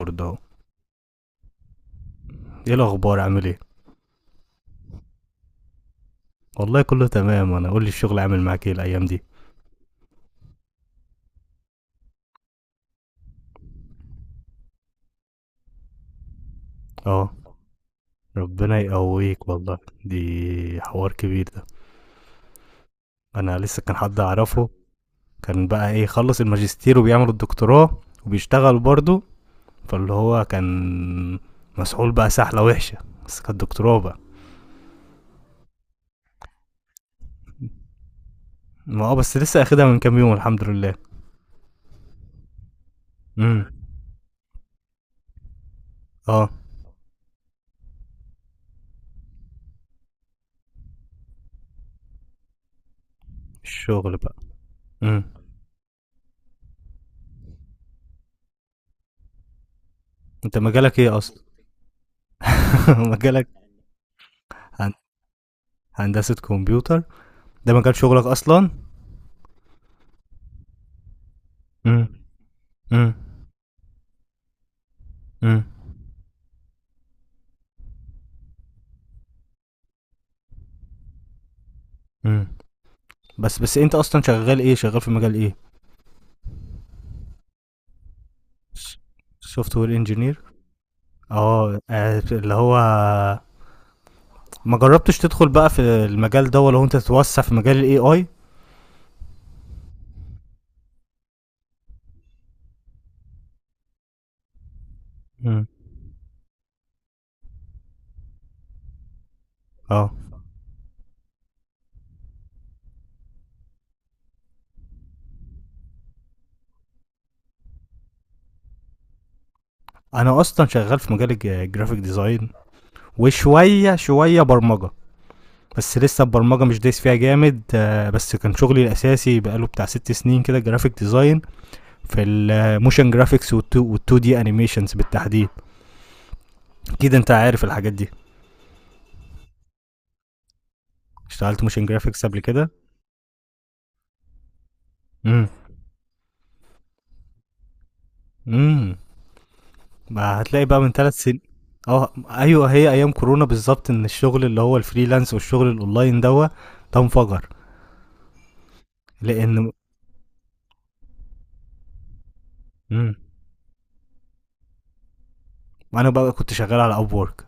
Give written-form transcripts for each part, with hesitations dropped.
برضه اهو. ايه الاخبار؟ عامل ايه؟ والله كله تمام. انا قول لي الشغل عامل معاك ايه الايام دي؟ اه، ربنا يقويك والله. دي حوار كبير ده. انا لسه كان حد اعرفه، كان بقى ايه، خلص الماجستير وبيعمل الدكتوراه وبيشتغل برضه، فاللي هو كان مسحول بقى سحلة وحشة، بس كانت دكتوراه بقى. ما اه، بس لسه اخدها من كام يوم الحمد لله. امم اه الشغل بقى. امم انت مجالك ايه اصلا؟ مجالك هن- هندسة كمبيوتر، ده مجال شغلك اصلا؟ امم امم امم امم بس انت اصلا شغال ايه، شغال في مجال ايه؟ سوفت وير انجينير. اه، اللي هو ما جربتش تدخل بقى في المجال ده، ولا هو انت تتوسع في مجال الاي اي؟ امم اه انا اصلا شغال في مجال الجرافيك ديزاين وشويه شويه برمجه، بس لسه البرمجه مش دايس فيها جامد، بس كان شغلي الاساسي بقاله بتاع 6 سنين كده جرافيك ديزاين، في الموشن جرافيكس والتو دي انيميشنز بالتحديد. كده، انت عارف الحاجات دي. اشتغلت موشن جرافيكس قبل كده. امم امم ما هتلاقي بقى من 3 سنين. اه ايوه، هي ايام كورونا بالظبط، ان الشغل اللي هو الفريلانس والشغل الاونلاين دوا ده انفجر. لان امم انا بقى كنت شغال على اب وورك.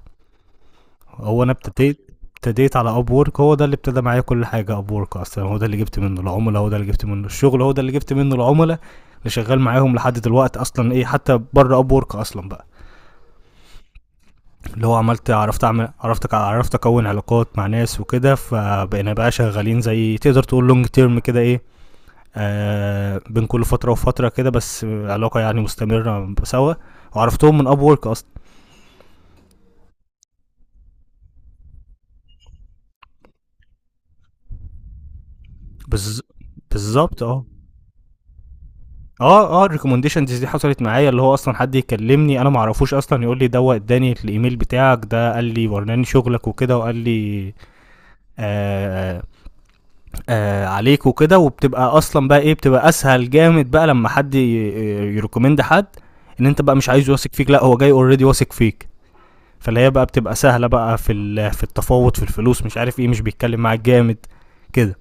هو انا ابتديت، ابتديت على اب وورك. هو ده اللي ابتدى معايا كل حاجه، اب وورك اصلا هو ده اللي جبت منه العملاء، هو ده اللي جبت منه الشغل، هو ده اللي جبت منه العملاء اللي شغال معاهم لحد دلوقتي اصلا، ايه حتى بره اب وورك اصلا بقى، اللي هو عملت، عرفت اعمل، عرفت، عرفت اكون علاقات مع ناس وكده، فبقينا بقى شغالين زي تقدر تقول لونج تيرم كده، ايه، آه بين كل فتره وفتره كده، بس علاقه يعني مستمره سوا، وعرفتهم من اب وورك اصلا. بز... بالظبط اه. اه الريكومنديشنز دي حصلت معايا، اللي هو اصلا حد يكلمني انا ما اعرفوش اصلا، يقول لي ده اداني الايميل بتاعك، ده قال لي، وراني شغلك وكده، وقال لي آه آه، آه عليك وكده، وبتبقى اصلا بقى ايه، بتبقى اسهل جامد بقى لما حد يريكومند حد، ان انت بقى مش عايز واثق فيك، لا هو جاي اوريدي واثق فيك، فاللي هي بقى بتبقى سهله بقى في في التفاوض في الفلوس، مش عارف ايه، مش بيتكلم معاك جامد كده.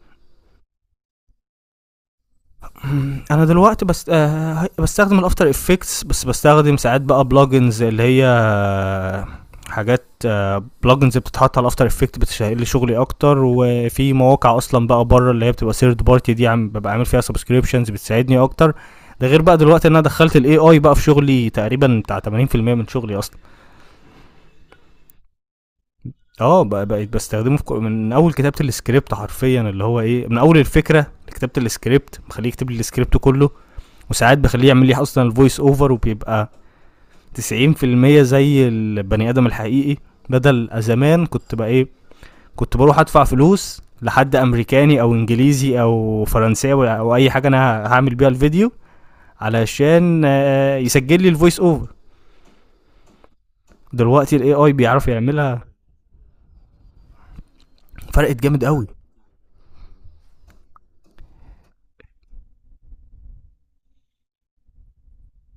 انا دلوقتي بس آه بستخدم الافتر افكتس بس، بستخدم ساعات بقى بلجنز اللي هي حاجات، بلجنز بتتحط على الافتر افكت بتسهل لي شغلي اكتر، وفي مواقع اصلا بقى بره اللي هي بتبقى ثيرد بارتي دي، عم ببقى عامل فيها سبسكريبشنز بتساعدني اكتر. ده غير بقى دلوقتي ان انا دخلت الاي اي بقى في شغلي تقريبا بتاع 80% من شغلي اصلا. اه بقيت بستخدمه في من اول كتابه السكريبت حرفيا، اللي هو ايه، من اول الفكره لكتابه السكريبت، مخليه يكتب لي السكريبت كله. وساعات بخليه يعمل لي اصلا الفويس اوفر، وبيبقى 90% زي البني ادم الحقيقي. بدل زمان كنت بقى ايه، كنت بروح ادفع فلوس لحد امريكاني او انجليزي او فرنساوي او اي حاجه انا هعمل بيها الفيديو، علشان يسجل لي الفويس اوفر. دلوقتي الاي اي بيعرف يعملها. فرقت جامد قوي.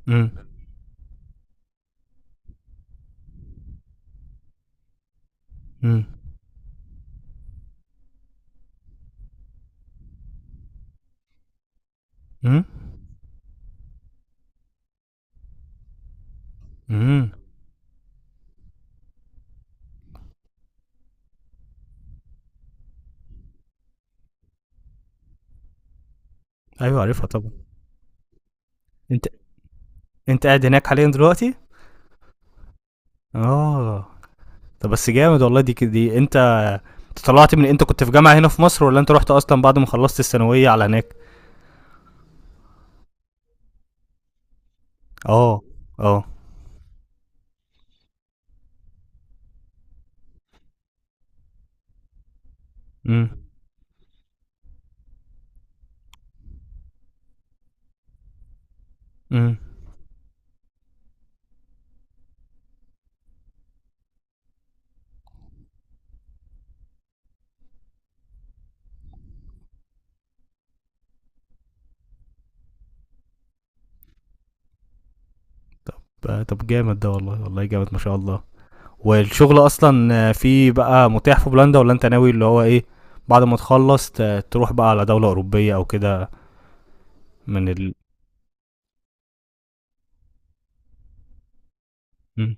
امم امم امم امم ايوه عارفها طبعا. انت، انت قاعد هناك حاليا دلوقتي؟ اه. طب بس جامد والله، دي دي انت، انت طلعت من، انت كنت في جامعة هنا في مصر ولا انت رحت اصلا بعد ما خلصت الثانوية على هناك؟ اه. اه. امم امم طب طب جامد ده والله، والله جامد ما شاء الله. والشغل اصلا فيه بقى متاح في بولندا، ولا انت ناوي اللي هو ايه، بعد ما تخلص تروح بقى على دولة أوروبية او كده من ال؟ مم.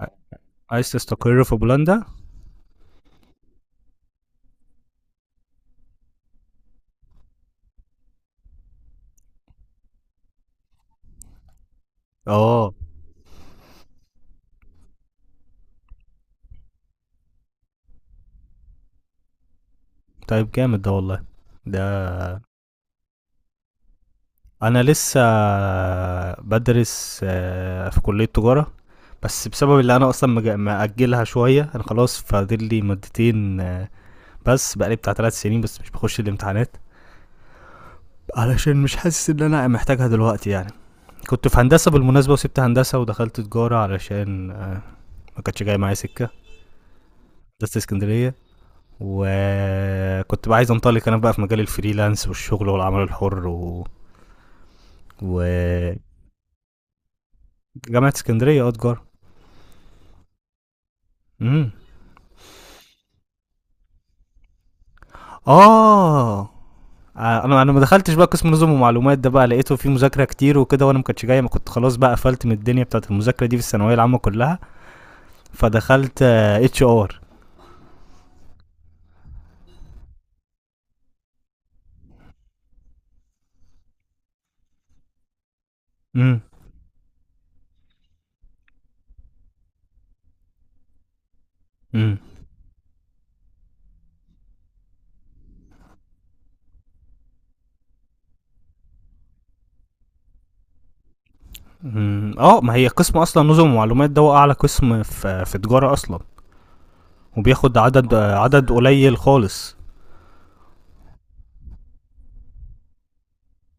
ع- عايز تستقر في بولندا؟ اه. طيب جامد ده والله. ده انا لسه بدرس في كلية تجارة، بس بسبب اللي انا اصلا مأجلها شويه، انا خلاص فاضل لي مادتين بس بقالي بتاع 3 سنين بس مش بخش الامتحانات، علشان مش حاسس ان انا محتاجها دلوقتي يعني. كنت في هندسه بالمناسبه، وسبت هندسه ودخلت تجاره علشان ما كانتش جايه معايا سكه هندسه اسكندريه. وكنت بقى عايز انطلق انا بقى في مجال الفريلانس والشغل والعمل الحر و... جامعه اسكندريه، اه تجاره. امم اه انا ما دخلتش بقى قسم نظم ومعلومات ده، بقى لقيته فيه مذاكره كتير وكده، وانا ما كنتش جاي، ما كنت خلاص بقى قفلت من الدنيا بتاعت المذاكره دي في الثانويه العامه كلها، فدخلت اتش ار. امم امم أمم. اه، ما هي قسم اصلا نظم ومعلومات ده هو اعلى قسم في تجاره اصلا، وبياخد عدد عدد قليل خالص.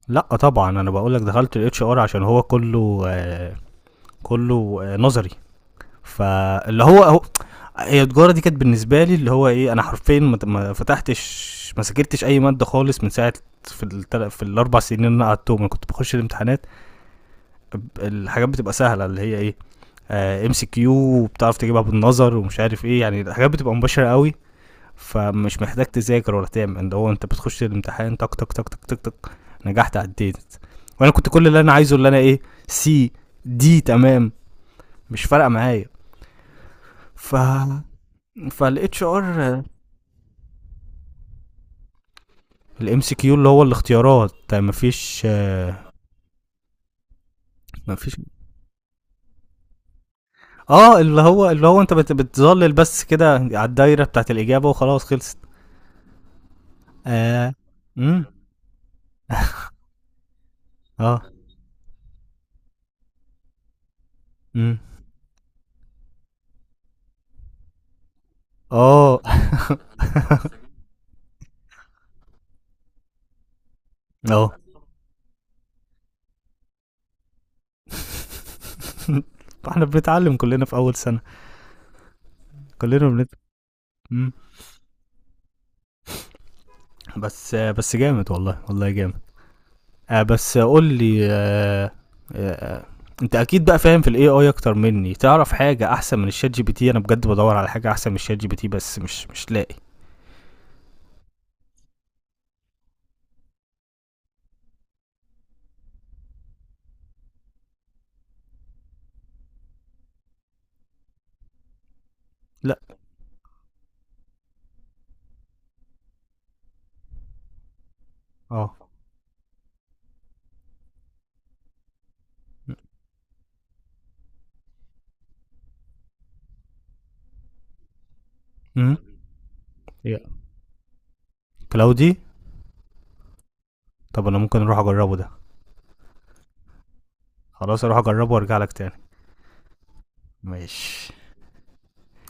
لا طبعا، انا بقول لك دخلت الاتش ار عشان هو كله كله نظري، فاللي هو هو، هي التجاره دي كانت بالنسبه لي اللي هو ايه، انا حرفيا ما فتحتش، ما سجلتش اي ماده خالص من ساعه، في في الـ4 سنين اللي انا قعدتهم انا كنت بخش الامتحانات، الحاجات بتبقى سهله اللي هي ايه، ام سي كيو، وبتعرف تجيبها بالنظر ومش عارف ايه، يعني الحاجات بتبقى مباشره قوي، فمش محتاج تذاكر ولا تعمل ده، هو انت بتخش الامتحان تك تك تك تك تك تك، نجحت عديت، وانا كنت كل اللي انا عايزه اللي انا ايه، سي دي تمام، مش فارقه معايا. ف فالاتش ار. الام سي كيو اللي هو الاختيارات، مفيش مفيش. اه، اللي هو انت بتظلل بس كده على الدايره بتاعت الاجابه وخلاص خلصت. اه. امم اه امم اه اه احنا بنتعلم كلنا في اول سنه، كلنا مم. بس بس جامد والله، والله جامد. آه بس قول لي آه. آه، انت اكيد بقى فاهم في الاي اي اكتر مني، تعرف حاجه احسن من الشات جي بي تي؟ انا بجد بدور على حاجه احسن من الشات جي بي تي بس مش لاقي. لا. اه. امم كلاودي؟ طب انا ممكن اروح اجربه ده. خلاص اروح اجربه وارجع لك تاني. ماشي.